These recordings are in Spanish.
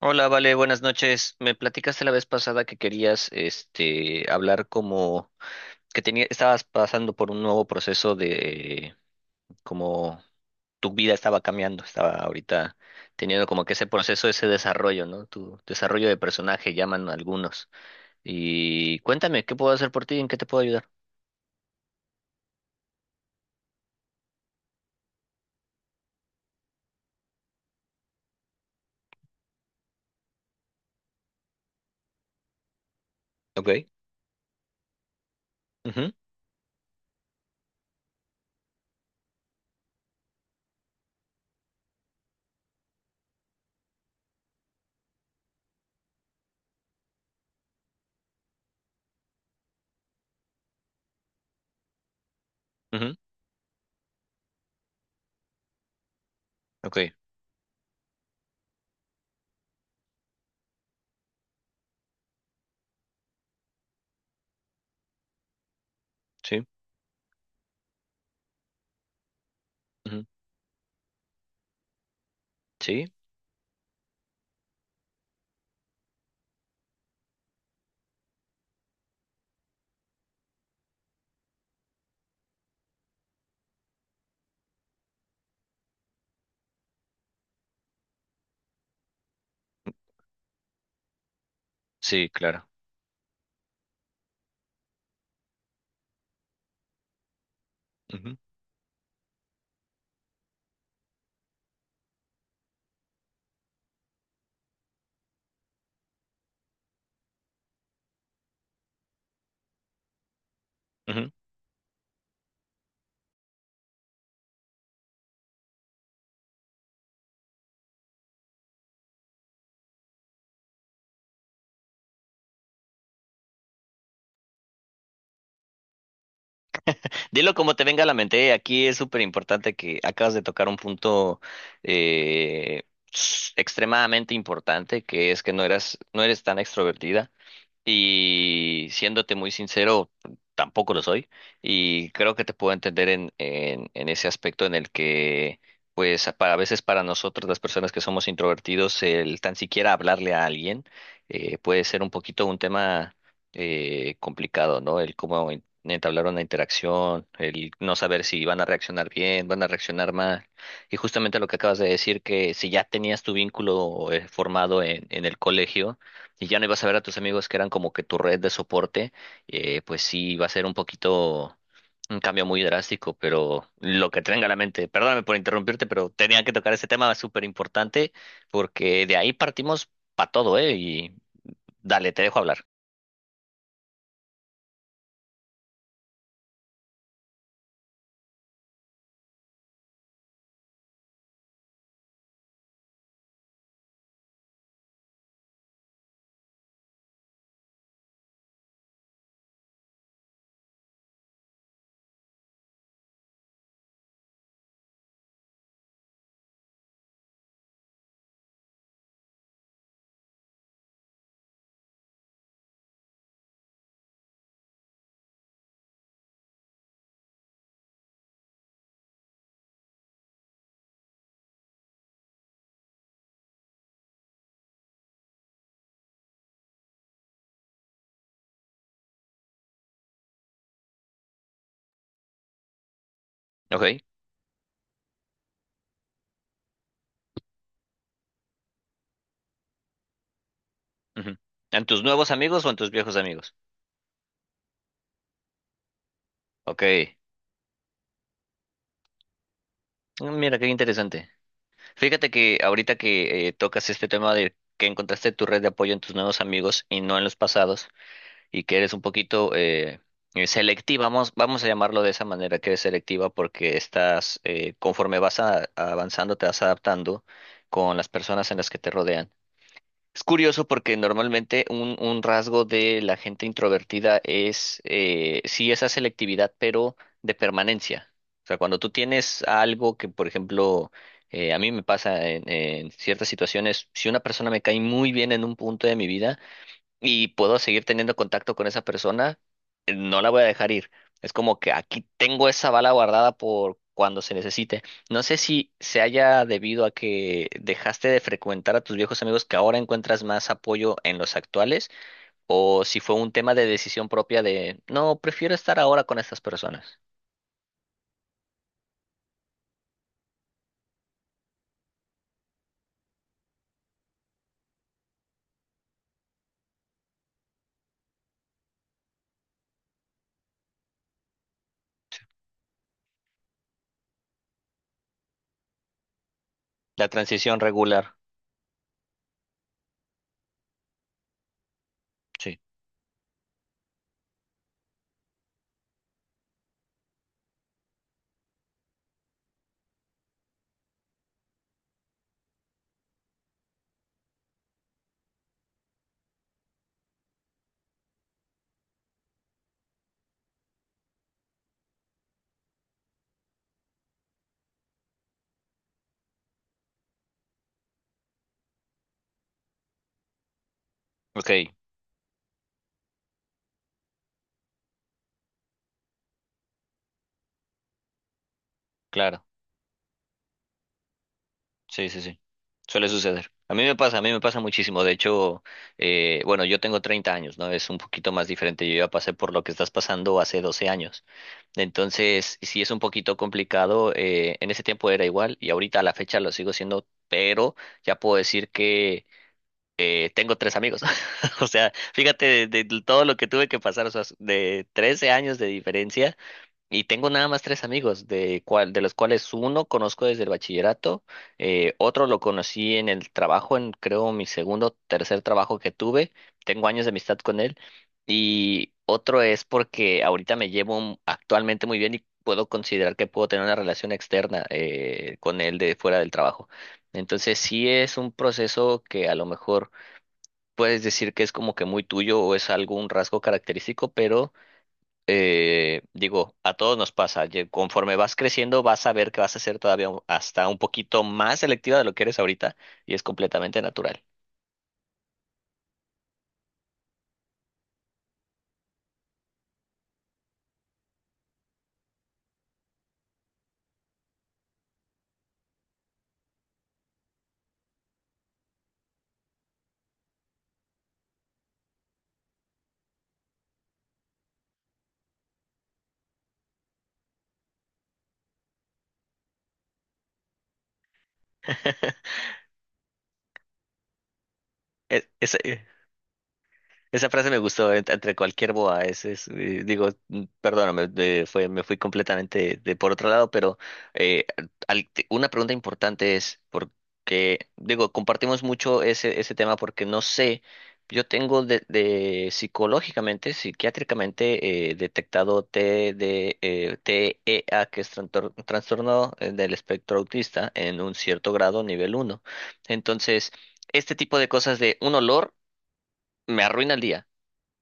Hola, Vale, buenas noches. Me platicaste la vez pasada que querías, hablar estabas pasando por un nuevo proceso de como tu vida estaba cambiando, estaba ahorita teniendo como que ese proceso, ese desarrollo, ¿no? Tu desarrollo de personaje, llaman algunos. Y cuéntame, ¿qué puedo hacer por ti? ¿En qué te puedo ayudar? Ok. Ujú, ujú, ok, sí, ujú, sí, sí, claro. Dilo como te venga a la mente, ¿eh? Aquí es súper importante que acabas de tocar un punto eh, extremadamente importante, que es que no eras, no eres tan extrovertida. Y siéndote muy sincero, tampoco lo soy. Y creo que te puedo entender en ese aspecto en el que, pues, a veces para nosotros, las personas que somos introvertidos, el tan siquiera hablarle a alguien puede ser un poquito un tema complicado, ¿no? El cómo entablar una interacción, el no saber si van a reaccionar bien, van a reaccionar mal. Y justamente lo que acabas de decir, que si ya tenías tu vínculo formado en el colegio, y ya no ibas a ver a tus amigos que eran como que tu red de soporte, pues sí va a ser un poquito un cambio muy drástico, pero lo que tenga a la mente, perdóname por interrumpirte, pero tenía que tocar ese tema súper importante porque de ahí partimos para todo, ¿eh? Y dale, te dejo hablar. Ok. Ujú. ¿En tus nuevos amigos o en tus viejos amigos? Ok. Mm, mira, qué interesante. Fíjate que ahorita que tocas este tema de que encontraste tu red de apoyo en tus nuevos amigos y no en los pasados, y que eres un poquito selectiva, vamos, vamos a llamarlo de esa manera, que eres selectiva porque conforme vas avanzando, te vas adaptando con las personas en las que te rodean. Es curioso porque normalmente un rasgo de la gente introvertida sí, esa selectividad, pero de permanencia. O sea, cuando tú tienes algo que, por ejemplo, a mí me pasa en ciertas situaciones, si una persona me cae muy bien en un punto de mi vida, y puedo seguir teniendo contacto con esa persona, no la voy a dejar ir. Es como que aquí tengo esa bala guardada por cuando se necesite. No sé si se haya debido a que dejaste de frecuentar a tus viejos amigos que ahora encuentras más apoyo en los actuales, o si fue un tema de decisión propia de, no, prefiero estar ahora con estas personas. La transición regular. Sí, ok, claro. Sí, sí, sí. Suele suceder. A mí me pasa, a mí me pasa muchísimo. De hecho, bueno, yo tengo 30 años, ¿no? Es un poquito más diferente. Yo ya pasé por lo que estás pasando hace 12 años. Entonces, sí es un poquito complicado. En ese tiempo era igual y ahorita a la fecha lo sigo siendo, pero ya puedo decir que tengo tres amigos. O sea, fíjate de todo lo que tuve que pasar, o sea, de 13 años de diferencia y tengo nada más tres amigos, de los cuales uno conozco desde el bachillerato, otro lo conocí en el trabajo, en creo mi segundo, tercer trabajo que tuve, tengo años de amistad con él, y otro es porque ahorita me llevo actualmente muy bien y puedo considerar que puedo tener una relación externa con él de fuera del trabajo. Entonces sí es un proceso que a lo mejor puedes decir que es como que muy tuyo o es algo un rasgo característico, pero digo, a todos nos pasa. Conforme vas creciendo, vas a ver que vas a ser todavía hasta un poquito más selectiva de lo que eres ahorita y es completamente natural. Es, Esa frase me gustó entre cualquier boa. Digo, perdóname, me fui completamente por otro lado, pero eh, una pregunta importante es, porque, digo, compartimos mucho ese tema porque no sé, yo tengo de psicológicamente, psiquiátricamente detectado TEA que es trastorno del espectro autista, en un cierto grado, nivel uno. Entonces, este tipo de cosas de un olor me arruina el día.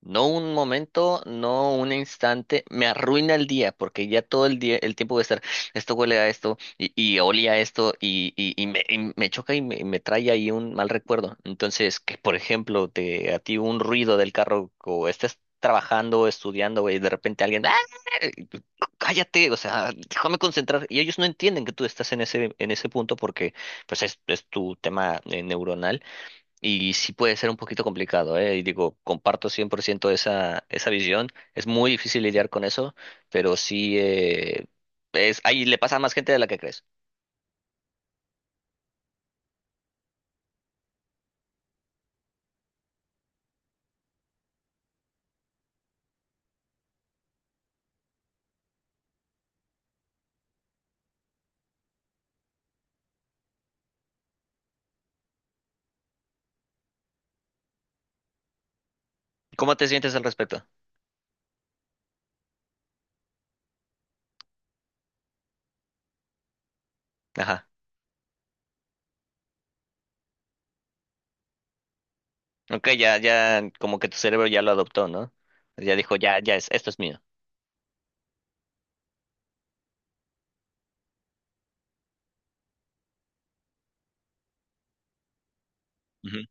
No un momento, no un instante, me arruina el día, porque ya todo el día, el tiempo voy a estar, esto huele a esto, y olía a esto, y me choca y me trae ahí un mal recuerdo. Entonces, que por ejemplo, a ti un ruido del carro, o estés trabajando, estudiando, y de repente alguien, ¡ah! Y tú, cállate, o sea, déjame concentrar. Y ellos no entienden que tú estás en en ese punto porque, pues, es tu tema neuronal y sí puede ser un poquito complicado, ¿eh? Y digo, comparto 100% esa visión. Es muy difícil lidiar con eso, pero sí ahí le pasa a más gente de la que crees. ¿Cómo te sientes al respecto? Ajá. Ok, ya, ya, como que tu cerebro ya lo adoptó, ¿no? Ya dijo, ya, ya esto es mío. Ujú.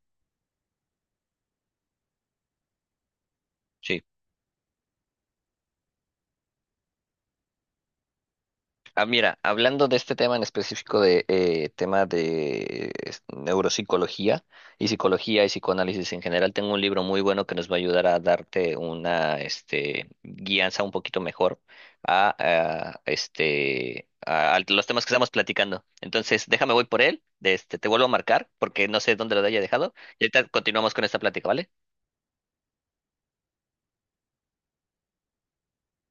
Sí. Ah, mira, hablando de este tema en específico de tema de neuropsicología y psicología y psicoanálisis en general, tengo un libro muy bueno que nos va a ayudar a darte una guianza un poquito mejor a a los temas que estamos platicando. Entonces, déjame voy por él, te vuelvo a marcar porque no sé dónde lo haya dejado y ahorita continuamos con esta plática, ¿vale?